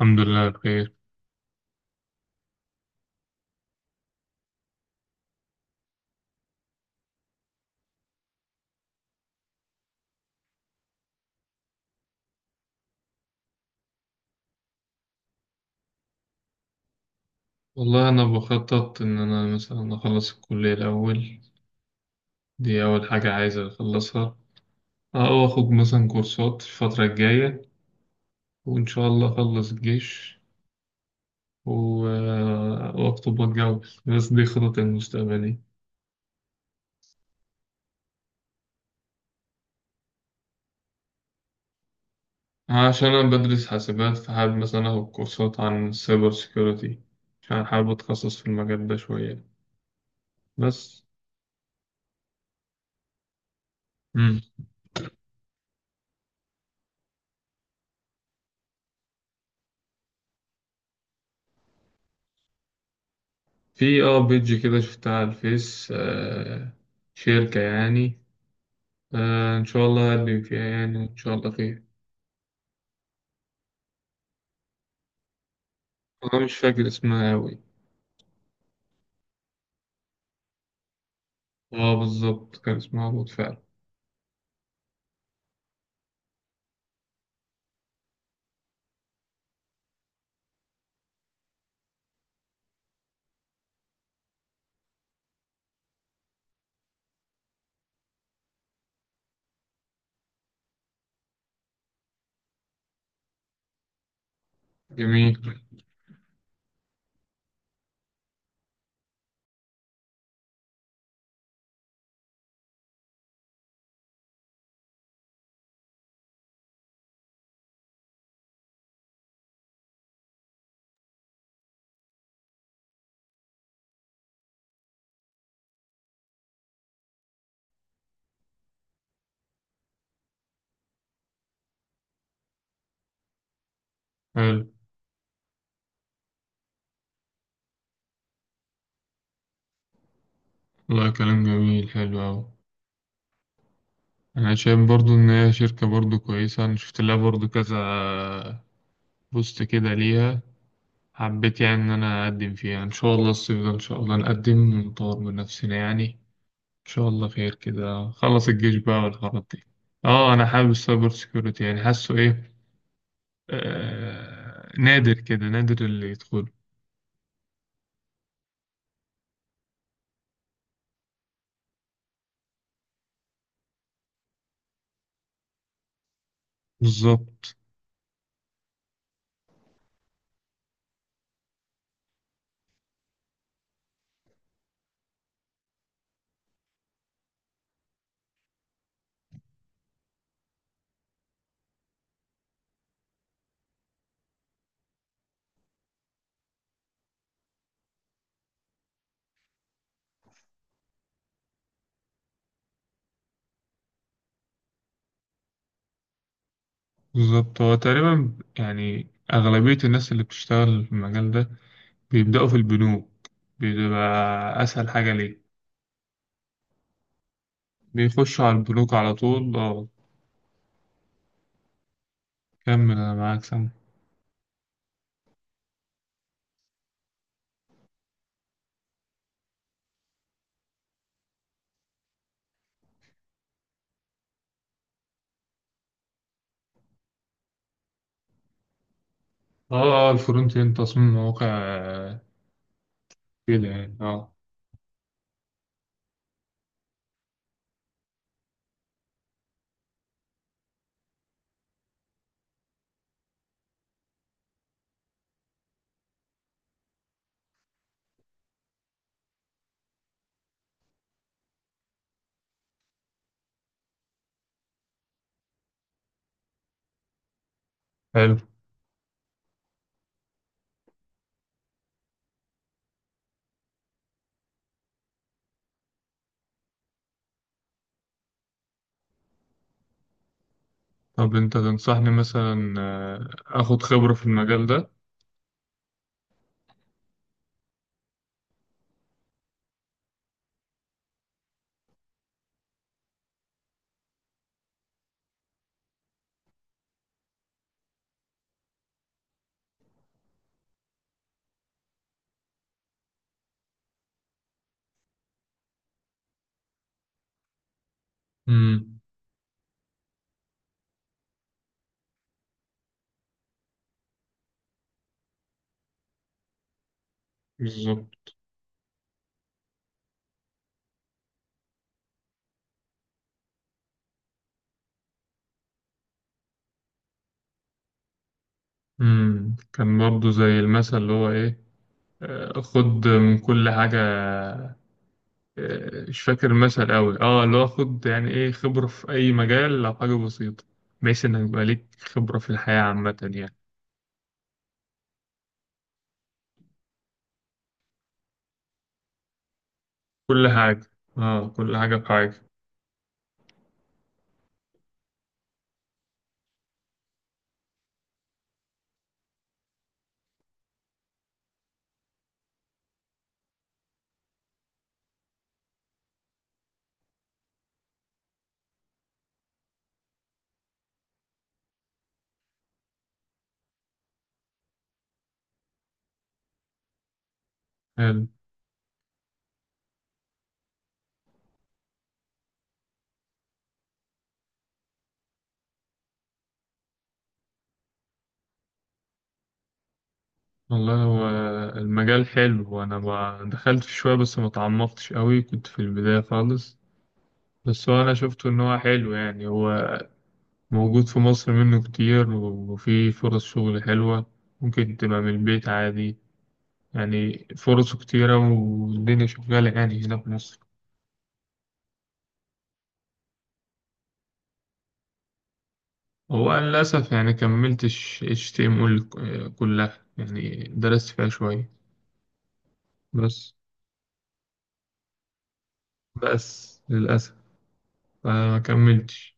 الحمد لله بخير. والله أنا بخطط إن أنا مثلا أخلص الكلية الأول، دي أول حاجة عايز أخلصها. أو أخد مثلا كورسات الفترة الجاية، وإن شاء الله أخلص الجيش و... آه، وأخطب وأتجوز، بس دي خططي المستقبلية. عشان أنا بدرس حاسبات، فحابب مثلا أخد كورسات عن السايبر سيكيورتي، عشان حابب أتخصص في المجال ده شوية بس. مم. في بيج كده شفتها على الفيس. شركة يعني. آه، إن شاء الله هقابلك فيها، يعني إن شاء الله خير. أنا مش فاكر اسمها أوي. أه بالظبط، كان اسمها بود فعلا. جميل، حلو. والله كلام جميل، حلو أوي. أنا شايف برضو إن هي شركة برضو كويسة، أنا شفت لها برضو كذا بوست كده ليها. حبيت يعني إن أنا أقدم فيها إن شاء الله الصيف ده، إن شاء الله نقدم ونطور من نفسنا يعني. إن شاء الله خير، كده خلص الجيش بقى والحوارات دي. أه أنا حابب السايبر سيكيورتي، يعني حاسه إيه، نادر كده، نادر اللي يدخل. بالظبط. بالظبط، هو تقريبا يعني أغلبية الناس اللي بتشتغل في المجال ده بيبدأوا في البنوك. بيبقى أسهل حاجة ليه، بيخشوا على البنوك على طول. اه، كمل أنا معاك سامع. اه اه، الفرونت اند تصميم مواقع كده يعني اه. حلو. طب أنت تنصحني مثلا آخد خبرة في المجال ده؟ امم بالظبط. كان برضو زي المثل اللي هو إيه، خد من كل حاجة. مش فاكر المثل أوي، اه اللي هو خد يعني ايه خبرة في أي مجال، لو حاجة بسيطة بحيث إنك يبقى ليك خبرة في الحياة عامة يعني. كل حاجة. اه، كل حاجة في حاجة. حلو. والله هو المجال حلو، أنا ما دخلت فيه شوية بس ما تعمقتش أوي، كنت في البداية خالص. بس هو أنا شفته إن هو حلو، يعني هو موجود في مصر منه كتير، وفي فرص شغل حلوة، ممكن تبقى من البيت عادي. يعني فرصه كتيرة والدنيا شغالة يعني هنا في مصر. هو أنا للأسف يعني كملتش HTML كلها، يعني درست فيها شوية بس. بس للأسف فما كملتش.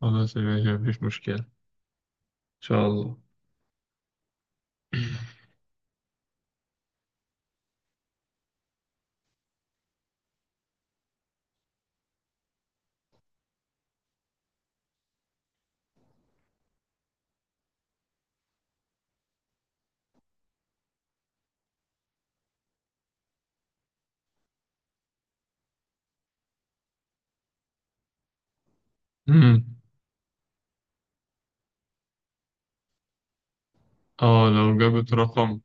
خلاص يا باشا مفيش مشكلة، إن شاء الله. مم. اه لو جابت رقم.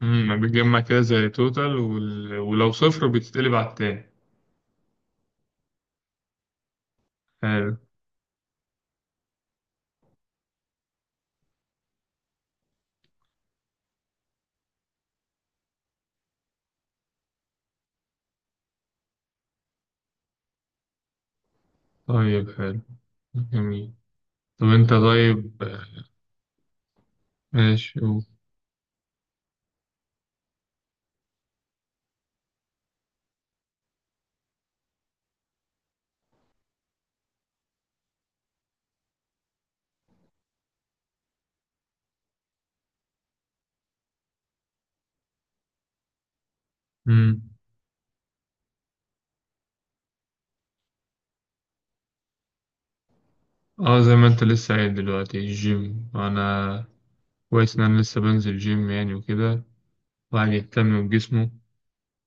مم. بتجمع كده زي توتال ولو صفر بتتقلب على التاني. حلو. طيب حلو، جميل. طب انت طيب ماشي. قول. اه زي ما انت لسه قايل دلوقتي، الجيم انا كويس ان انا لسه بنزل جيم يعني وكده، الواحد يهتم بجسمه،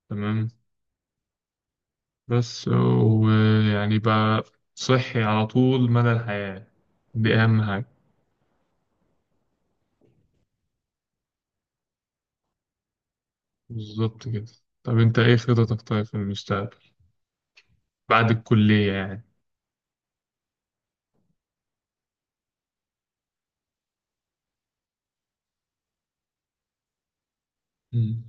تمام، بس ويعني بقى صحي على طول مدى الحياة، دي اهم حاجة. بالظبط كده. طب انت ايه خططك طيب في المستقبل بعد الكلية يعني؟ مم.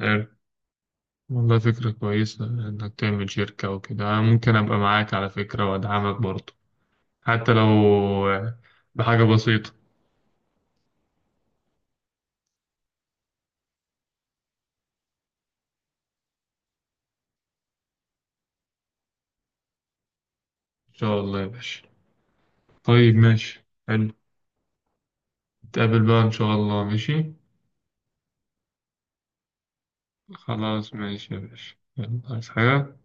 حلو. والله فكرة كويسة انك تعمل شركة وكده، أنا ممكن ابقى معاك على فكرة وادعمك برضه حتى لو بحاجة بسيطة. ان شاء الله يا باشا. طيب ماشي حلو، نتقابل بقى إن شاء الله ماشي. خلاص ماشي يا باشا، يلا عايز حاجة؟